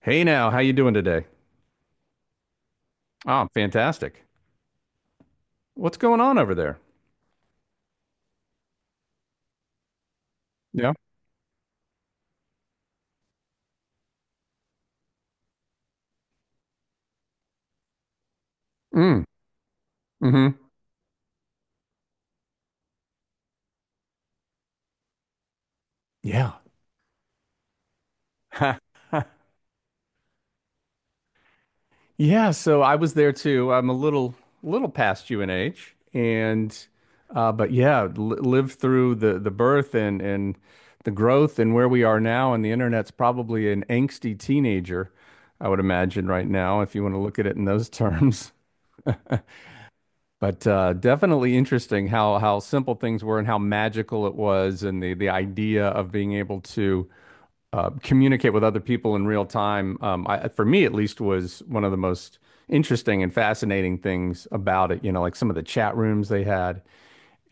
Hey now, how you doing today? Oh, fantastic. What's going on over there? Yeah. Mm. Mm-hmm. Yeah. Yeah, so I was there too. I'm a little past you in age and but yeah, li lived through the birth and the growth and where we are now, and the internet's probably an angsty teenager, I would imagine right now if you want to look at it in those terms. But definitely interesting how simple things were and how magical it was, and the idea of being able to communicate with other people in real time. I, for me, at least, was one of the most interesting and fascinating things about it. You know, like some of the chat rooms they had,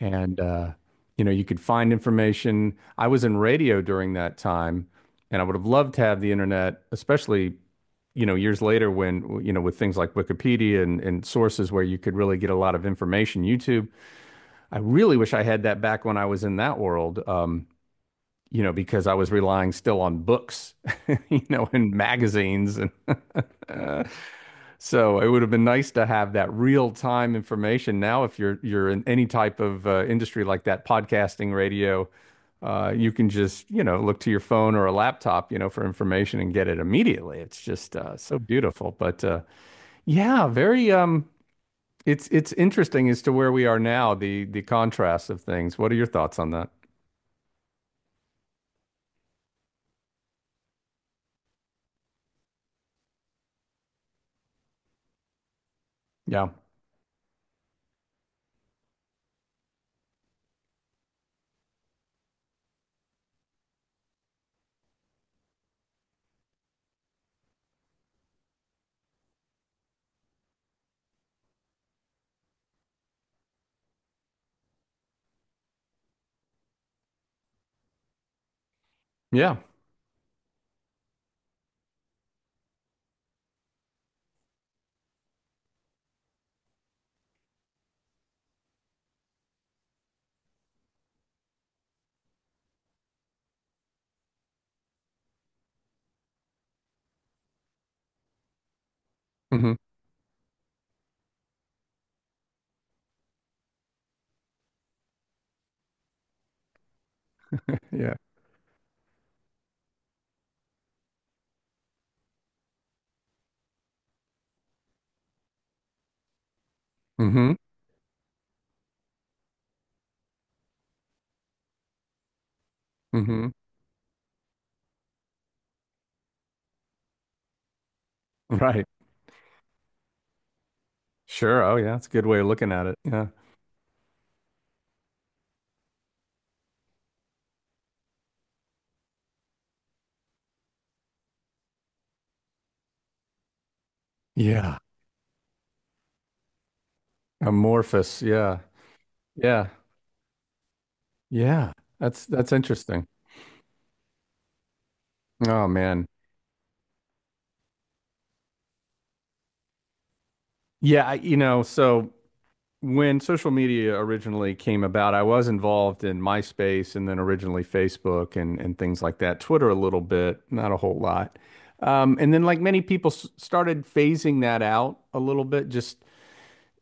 and you know, you could find information. I was in radio during that time, and I would have loved to have the internet, especially, you know, years later when, you know, with things like Wikipedia and, sources where you could really get a lot of information. YouTube, I really wish I had that back when I was in that world. You know, because I was relying still on books, you know, and magazines and uh, so it would have been nice to have that real time information. Now, if you're in any type of industry like that, podcasting, radio, you can just, you know, look to your phone or a laptop, you know, for information and get it immediately. It's just so beautiful. But yeah, very it's interesting as to where we are now, the contrast of things. What are your thoughts on that? Yeah. Yeah. Hmm. Yeah. Hmm. Hmm. Right. Sure. Oh, yeah. That's a good way of looking at it. Yeah. Yeah. Amorphous. Yeah. Yeah. Yeah. That's interesting. Oh man. Yeah, I, you know, so when social media originally came about, I was involved in MySpace and then originally Facebook and things like that. Twitter a little bit, not a whole lot. And then like many people s started phasing that out a little bit, just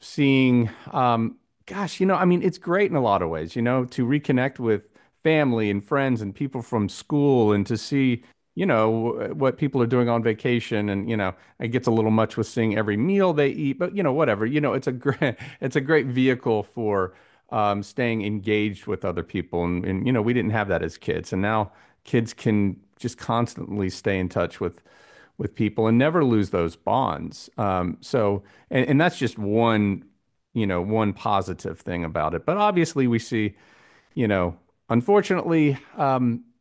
seeing gosh, you know, I mean, it's great in a lot of ways, you know, to reconnect with family and friends and people from school and to see, you know, what people are doing on vacation and, you know, it gets a little much with seeing every meal they eat, but you know, whatever. You know, it's a great it's a great vehicle for staying engaged with other people and, you know, we didn't have that as kids. And now kids can just constantly stay in touch with people and never lose those bonds. So and that's just one, you know, one positive thing about it. But obviously we see, you know, unfortunately,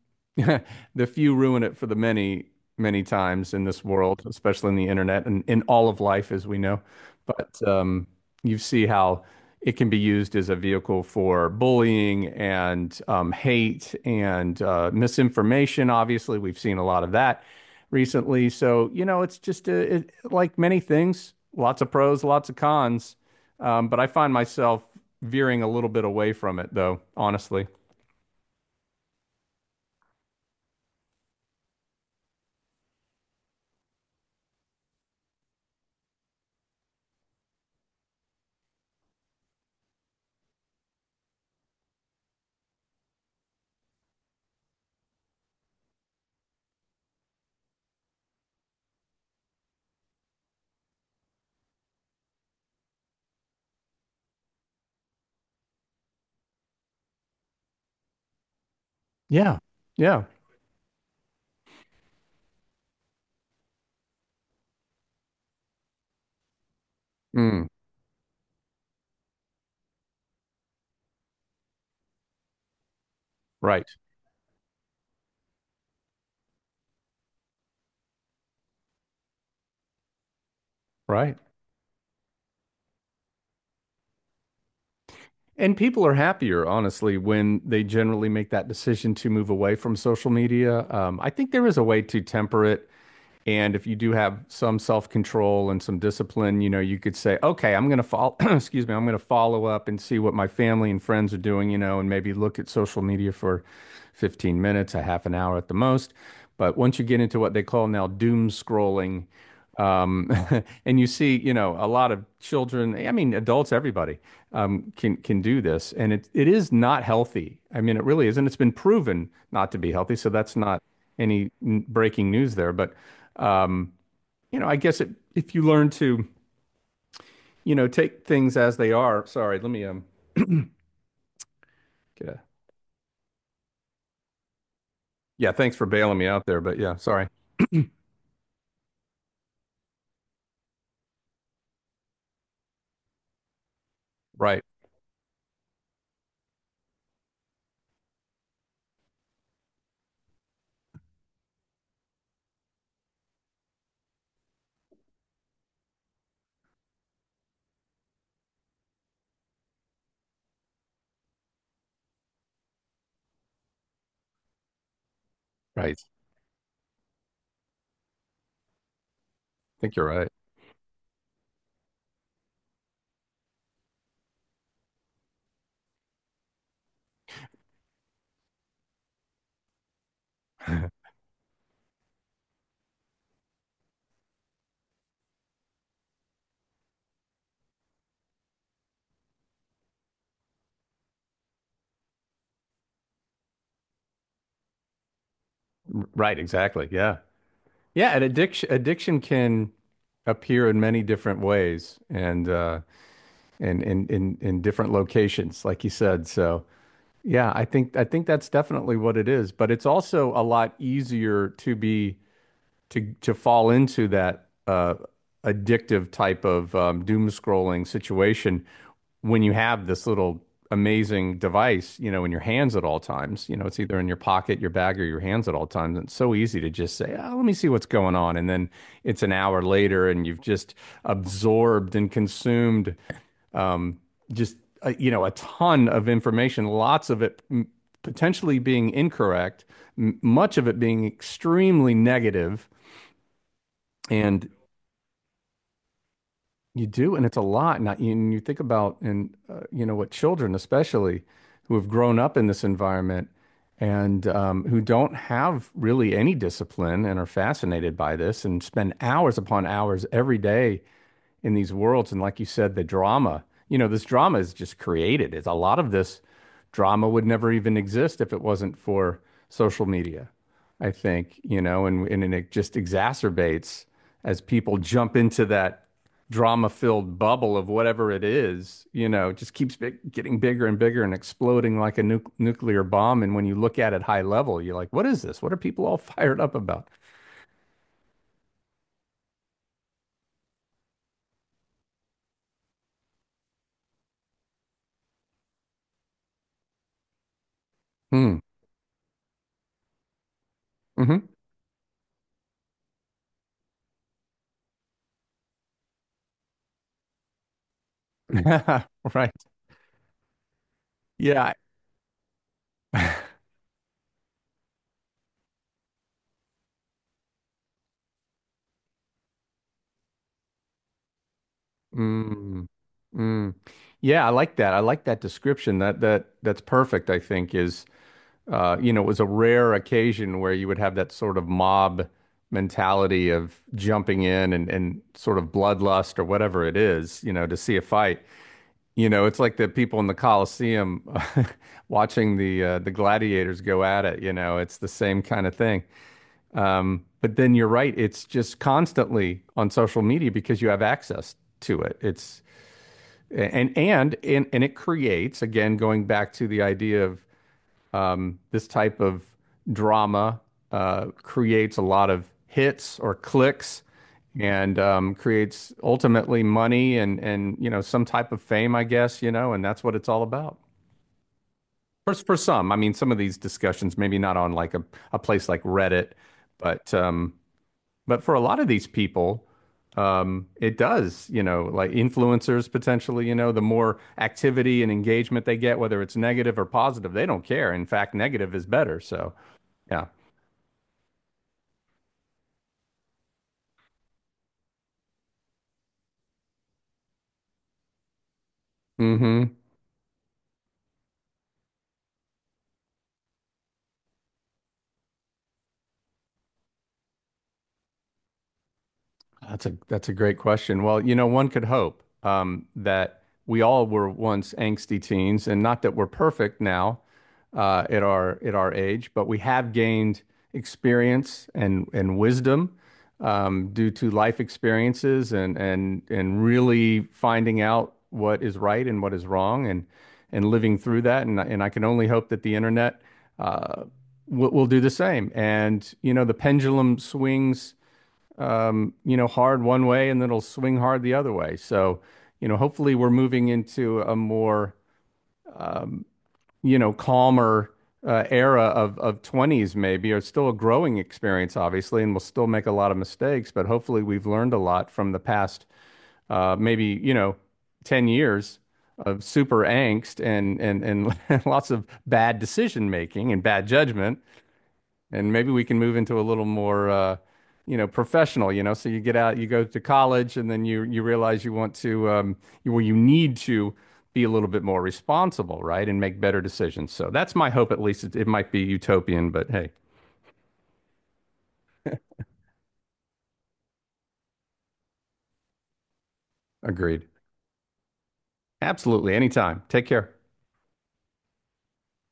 the few ruin it for the many, many times in this world, especially in the internet and in all of life, as we know. But you see how it can be used as a vehicle for bullying and hate and misinformation. Obviously, we've seen a lot of that recently. So, you know, it's just it, like many things, lots of pros, lots of cons. But I find myself veering a little bit away from it, though, honestly. Yeah. Yeah. Mm, right. Right. And people are happier, honestly, when they generally make that decision to move away from social media. I think there is a way to temper it. And if you do have some self-control and some discipline, you know, you could say, okay, I'm going to follow, excuse me, I'm going to follow up and see what my family and friends are doing, you know, and maybe look at social media for 15 minutes, a half an hour at the most. But once you get into what they call now doom scrolling, um, and you see, you know, a lot of children, I mean, adults, everybody, can do this, and it is not healthy. I mean, it really isn't. It's been proven not to be healthy, so that's not any breaking news there. But um, you know, I guess if you learn to, you know, take things as they are. Sorry, let me get a, yeah, thanks for bailing me out there, but yeah, sorry. Right, right. I think you're right. Right, exactly. Yeah. Yeah, and addiction can appear in many different ways and in in different locations, like you said. So, yeah, I think that's definitely what it is, but it's also a lot easier to be to fall into that addictive type of doom scrolling situation when you have this little amazing device, you know, in your hands at all times. You know, it's either in your pocket, your bag, or your hands at all times. And it's so easy to just say, oh, let me see what's going on. And then it's an hour later and you've just absorbed and consumed um, just, you know, a ton of information, lots of potentially being incorrect, much of it being extremely negative, and you do, and it's a lot. Not and you think about, and you know what, children, especially, who have grown up in this environment and who don't have really any discipline and are fascinated by this and spend hours upon hours every day in these worlds. And like you said, the drama, you know, this drama is just created. It's a lot of this drama would never even exist if it wasn't for social media, I think, you know, and it just exacerbates as people jump into that drama-filled bubble of whatever it is, you know, it just keeps getting bigger and bigger and exploding like a nu nuclear bomb. And when you look at it high level, you're like, what is this? What are people all fired up about? Hmm. Hmm. Right. Yeah. Mm, mm. Yeah, I like that. I like that description. That's perfect, I think, is you know, it was a rare occasion where you would have that sort of mob mentality of jumping in and sort of bloodlust or whatever it is, you know, to see a fight. You know, it's like the people in the Coliseum watching the gladiators go at it, you know, it's the same kind of thing. But then you're right, it's just constantly on social media because you have access to it. It's and it creates, again going back to the idea of this type of drama creates a lot of hits or clicks, and creates ultimately money and you know, some type of fame, I guess, you know, and that's what it's all about for some. I mean, some of these discussions maybe not on like a place like Reddit, but um, but for a lot of these people, it does, you know, like influencers potentially, you know, the more activity and engagement they get, whether it's negative or positive, they don't care. In fact, negative is better. So, yeah. Hmm. That's a great question. Well, you know, one could hope that we all were once angsty teens, and not that we're perfect now at our age, but we have gained experience and wisdom due to life experiences and really finding out what is right and what is wrong, and living through that. And I can only hope that the internet uh, will do the same. And you know, the pendulum swings, you know, hard one way and then it'll swing hard the other way. So, you know, hopefully we're moving into a more, you know, calmer era of 20s maybe, or still a growing experience, obviously, and we'll still make a lot of mistakes, but hopefully we've learned a lot from the past, maybe, you know, 10 years of super angst and lots of bad decision making and bad judgment, and maybe we can move into a little more you know, professional, you know, so you get out, you go to college and then you realize you want to well, you need to be a little bit more responsible, right, and make better decisions. So that's my hope, at least. It might be utopian, but hey, agreed, absolutely, anytime, take care.